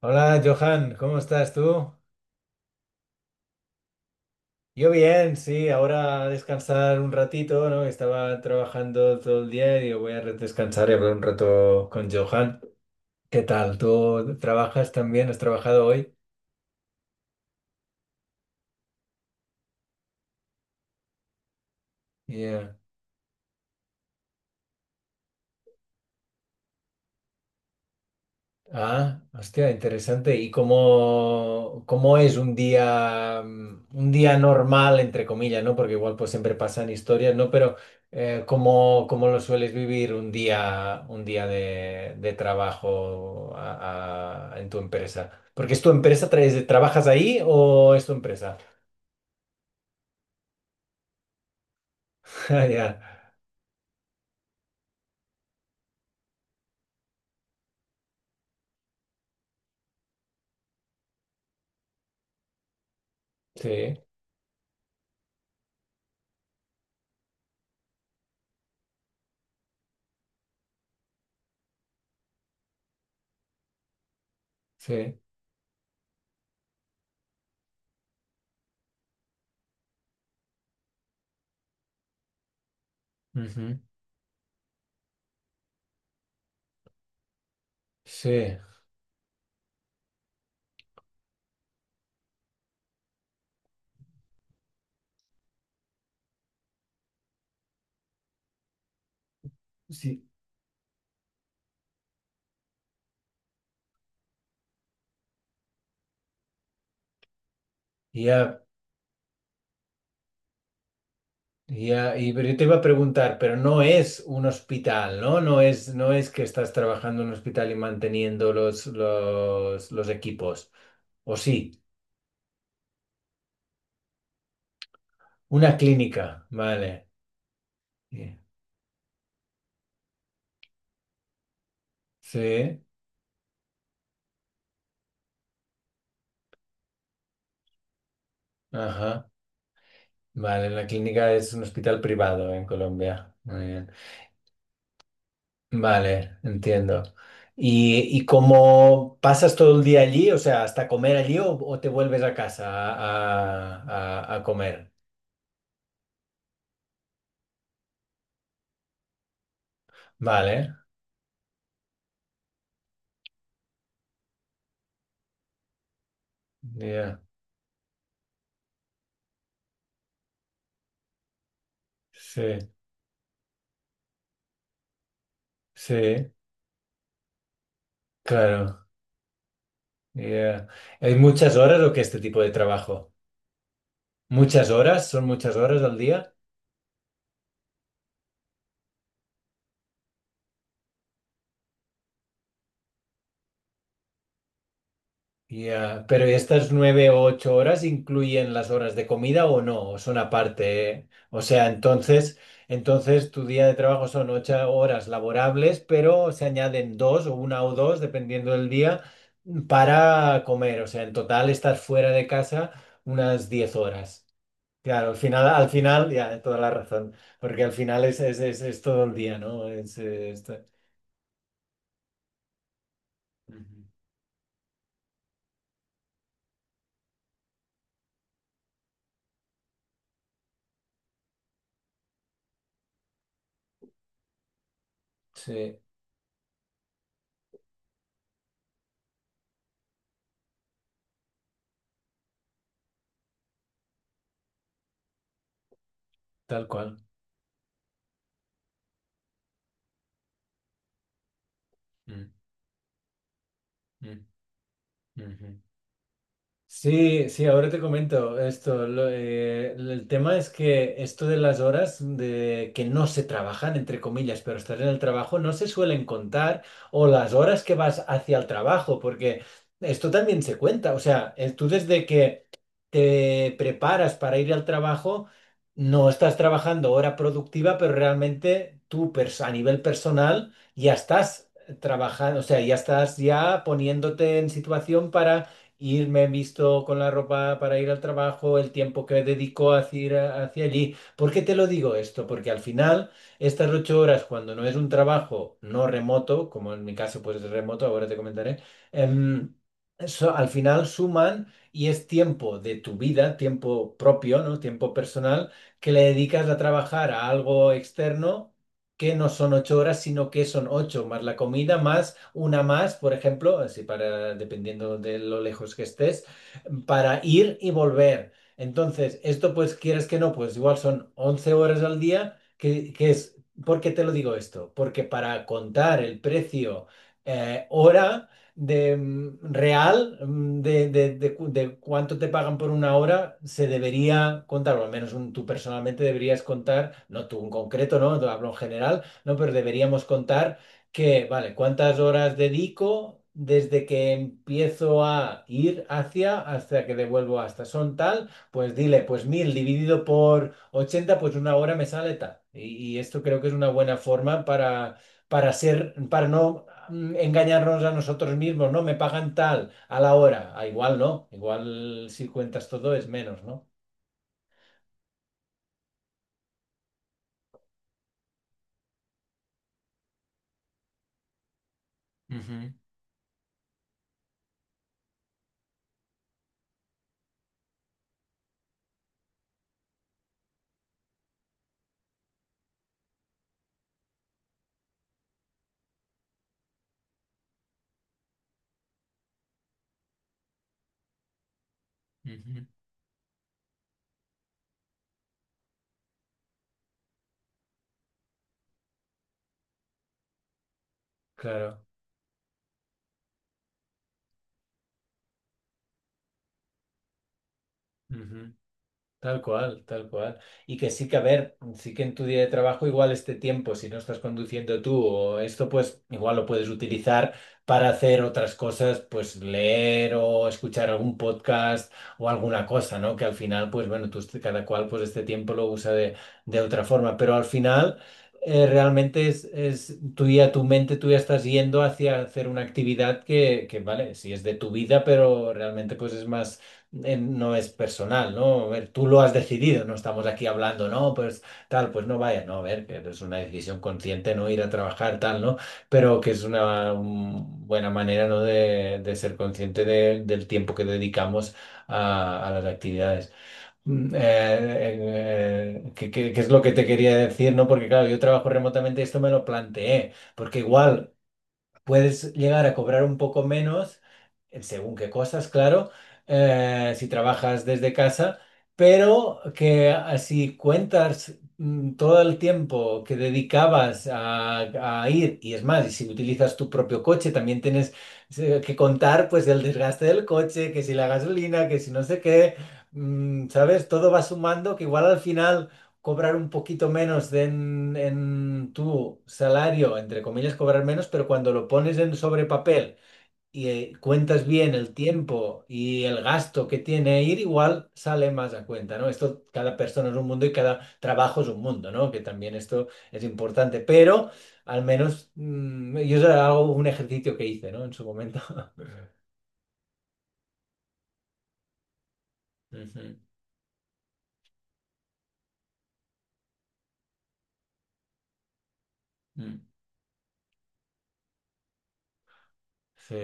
Hola Johan, ¿cómo estás tú? Yo bien, sí, ahora a descansar un ratito, ¿no? Estaba trabajando todo el día y digo, voy a descansar y hablar un rato con Johan. ¿Qué tal? ¿Tú trabajas también? ¿Has trabajado hoy? Yeah. Ah, hostia, interesante. ¿Y cómo es un día, un día normal, entre comillas, ¿no? Porque igual pues siempre pasan historias, ¿no? Pero ¿cómo lo sueles vivir un día de trabajo en tu empresa? Porque es tu empresa, ¿trabajas ahí o es tu empresa? Ah, ya. Sí, sí. Ujú, sí. Sí. Ya, ya, y pero yo te iba a preguntar, pero no es un hospital, ¿no? No es, no es que estás trabajando en un hospital y manteniendo los equipos. O sí, una clínica, vale. Sí, sí, ajá. Vale, la clínica es un hospital privado en Colombia. Muy bien. Vale, entiendo. ¿Y cómo pasas todo el día allí? O sea, ¿hasta comer allí o te vuelves a casa a comer? Vale, ya, sí. Sí, claro. Yeah. ¿Hay muchas horas o qué este tipo de trabajo? ¿Muchas horas? ¿Son muchas horas al día? Yeah. Pero estas 9 o 8 horas incluyen las horas de comida o no, o son aparte, ¿eh? O sea, entonces tu día de trabajo son 8 horas laborables, pero se añaden 2 o 1 o 2, dependiendo del día, para comer. O sea, en total estás fuera de casa unas 10 horas. Claro, al final, ya, toda la razón, porque al final es todo el día, ¿no? Ujú. Sí, tal cual. Mm, mm, ujú. Sí, sí, ahora te comento esto. El tema es que esto de las horas de que no se trabajan, entre comillas, pero estar en el trabajo, no se suelen contar, o las horas que vas hacia el trabajo, porque esto también se cuenta. O sea, tú desde que te preparas para ir al trabajo, no estás trabajando hora productiva, pero realmente tú a nivel personal ya estás trabajando, o sea, ya estás ya poniéndote en situación para irme visto con la ropa para ir al trabajo, el tiempo que dedico a ir hacia allí. ¿Por qué te lo digo esto? Porque al final estas 8 horas, cuando no es un trabajo no remoto, como en mi caso pues es remoto, ahora te comentaré, em, al final suman y es tiempo de tu vida, tiempo propio, ¿no? Tiempo personal, que le dedicas a trabajar a algo externo que no son 8 horas, sino que son 8 más la comida, más una más, por ejemplo, así para, dependiendo de lo lejos que estés, para ir y volver. Entonces, esto pues quieres que no, pues igual son 11 horas al día, ¿por qué te lo digo esto? Porque para contar el precio hora de mm, real mm, de cu- de cuánto te pagan por una hora se debería contar, o al menos tú personalmente deberías contar, no tú en concreto, ¿no? Te hablo en general, ¿no? Pero deberíamos contar que, vale, cuántas horas dedico desde que empiezo a ir hacia hasta que devuelvo hasta. Son tal, pues dile, pues 1000 dividido por 80 pues una hora me sale tal. Y esto creo que es una buena forma para no engañarnos a nosotros mismos, ¿no? Me pagan tal a la hora. Ah, igual no, igual si cuentas todo es menos, ¿no? Ujú, ujú. Claro. Ujú. Tal cual, tal cual. Y que sí que, a ver, sí que en tu día de trabajo igual este tiempo, si no estás conduciendo tú o esto, pues igual lo puedes utilizar para hacer otras cosas, pues leer o escuchar algún podcast o alguna cosa, ¿no? Que al final, pues bueno, tú cada cual pues este tiempo lo usa de otra forma, pero al final realmente es tú ya, tu mente, tú ya estás yendo hacia hacer una actividad vale, sí es de tu vida, pero realmente pues es más no es personal, ¿no? A ver, tú lo has decidido, no estamos aquí hablando, no, pues tal, pues no vaya, no, a ver, que es una decisión consciente no ir a trabajar, tal, ¿no? Pero que es una buena manera, ¿no? De ser consciente del tiempo que dedicamos a las actividades. Que es lo que te quería decir, ¿no? Porque claro, yo trabajo remotamente y esto me lo planteé, porque igual. Puedes llegar a cobrar un poco menos, según qué cosas, claro, si trabajas desde casa, pero que ah, si cuentas todo el tiempo que dedicabas a ir, y es más, y si utilizas tu propio coche, también tienes que contar pues el desgaste del coche, que si la gasolina, que si no sé qué, ¿sabes? Todo va sumando que igual al final cobrar un poquito menos de en tu salario, entre comillas, cobrar menos, pero cuando lo pones en sobre papel y cuentas bien el tiempo y el gasto que tiene ir, igual sale más a cuenta, ¿no? Esto, cada persona es un mundo y cada trabajo es un mundo, ¿no? Que también esto es importante, pero al menos yo eso era un ejercicio que hice, ¿no? En su momento. Ujú. Sí,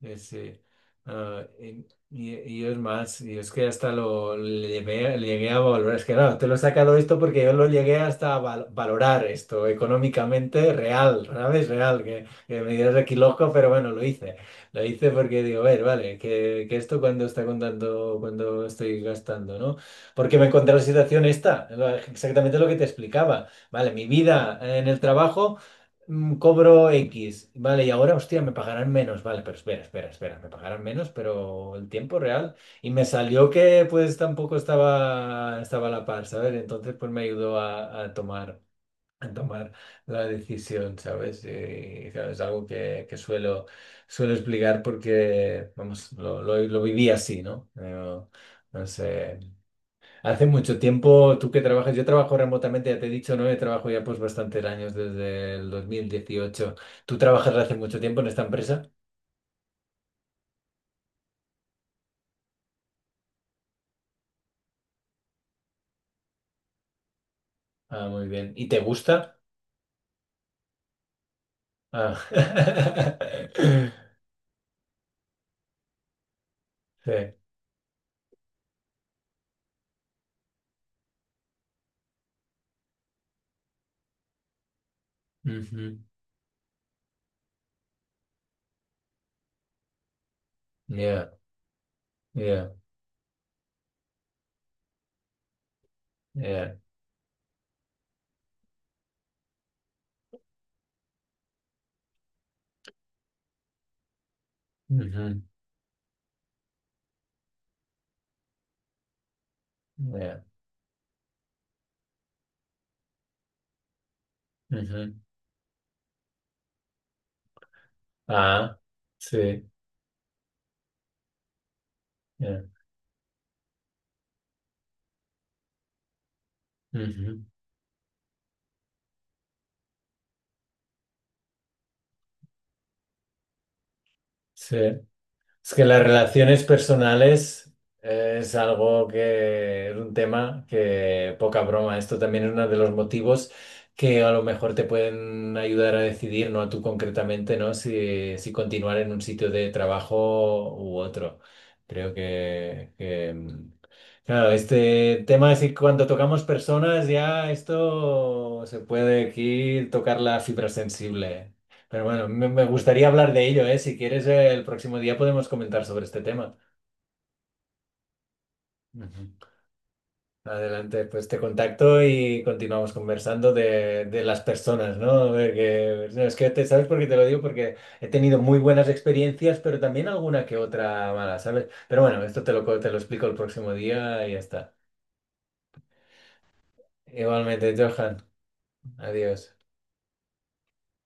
sí, sí. Ah, y yo es más, yo es que hasta le llegué a valorar, es que claro, te lo he sacado esto porque yo lo llegué hasta a valorar esto económicamente real, ¿sabes? Real, que me dirás aquí loco, pero bueno, lo hice. Lo hice porque digo, a ver, vale, que esto cuando está contando, cuando estoy gastando, ¿no? Porque me encontré la situación esta, exactamente lo que te explicaba. Vale, mi vida en el trabajo cobro X, vale, y ahora, hostia, me pagarán menos, vale, pero espera, espera, espera, me pagarán menos, pero el tiempo real. Y me salió que pues tampoco estaba a la par, ¿sabes? Entonces pues me ayudó a tomar la decisión, ¿sabes? Y, claro, es algo que suelo explicar porque, vamos, lo viví así, ¿no? No, no sé. Hace mucho tiempo, tú que trabajas, yo trabajo remotamente, ya te he dicho, ¿no? Yo trabajo ya pues bastantes años, desde el 2018. ¿Tú trabajas hace mucho tiempo en esta empresa? Ah, muy bien. ¿Y te gusta? Ah. Sí. Ujú. Yeah, yeah, yeah. Ujú. Yeah. Ujú. Ah, sí. Yeah. Ujú. Sí. Es que las relaciones personales es algo que es un tema que poca broma. Esto también es uno de los motivos que a lo mejor te pueden ayudar a decidir, no a tú concretamente, ¿no? Si continuar en un sitio de trabajo u otro. Creo que, claro, este tema es que cuando tocamos personas ya esto se puede aquí tocar la fibra sensible. Pero bueno, me gustaría hablar de ello, ¿eh? Si quieres, el próximo día podemos comentar sobre este tema. Ujú. Adelante, pues te contacto y continuamos conversando de las personas, ¿no? No, es que te, ¿sabes por qué te lo digo? Porque he tenido muy buenas experiencias, pero también alguna que otra mala, ¿sabes? Pero bueno, esto te lo explico el próximo día y ya está. Igualmente, Johan, adiós.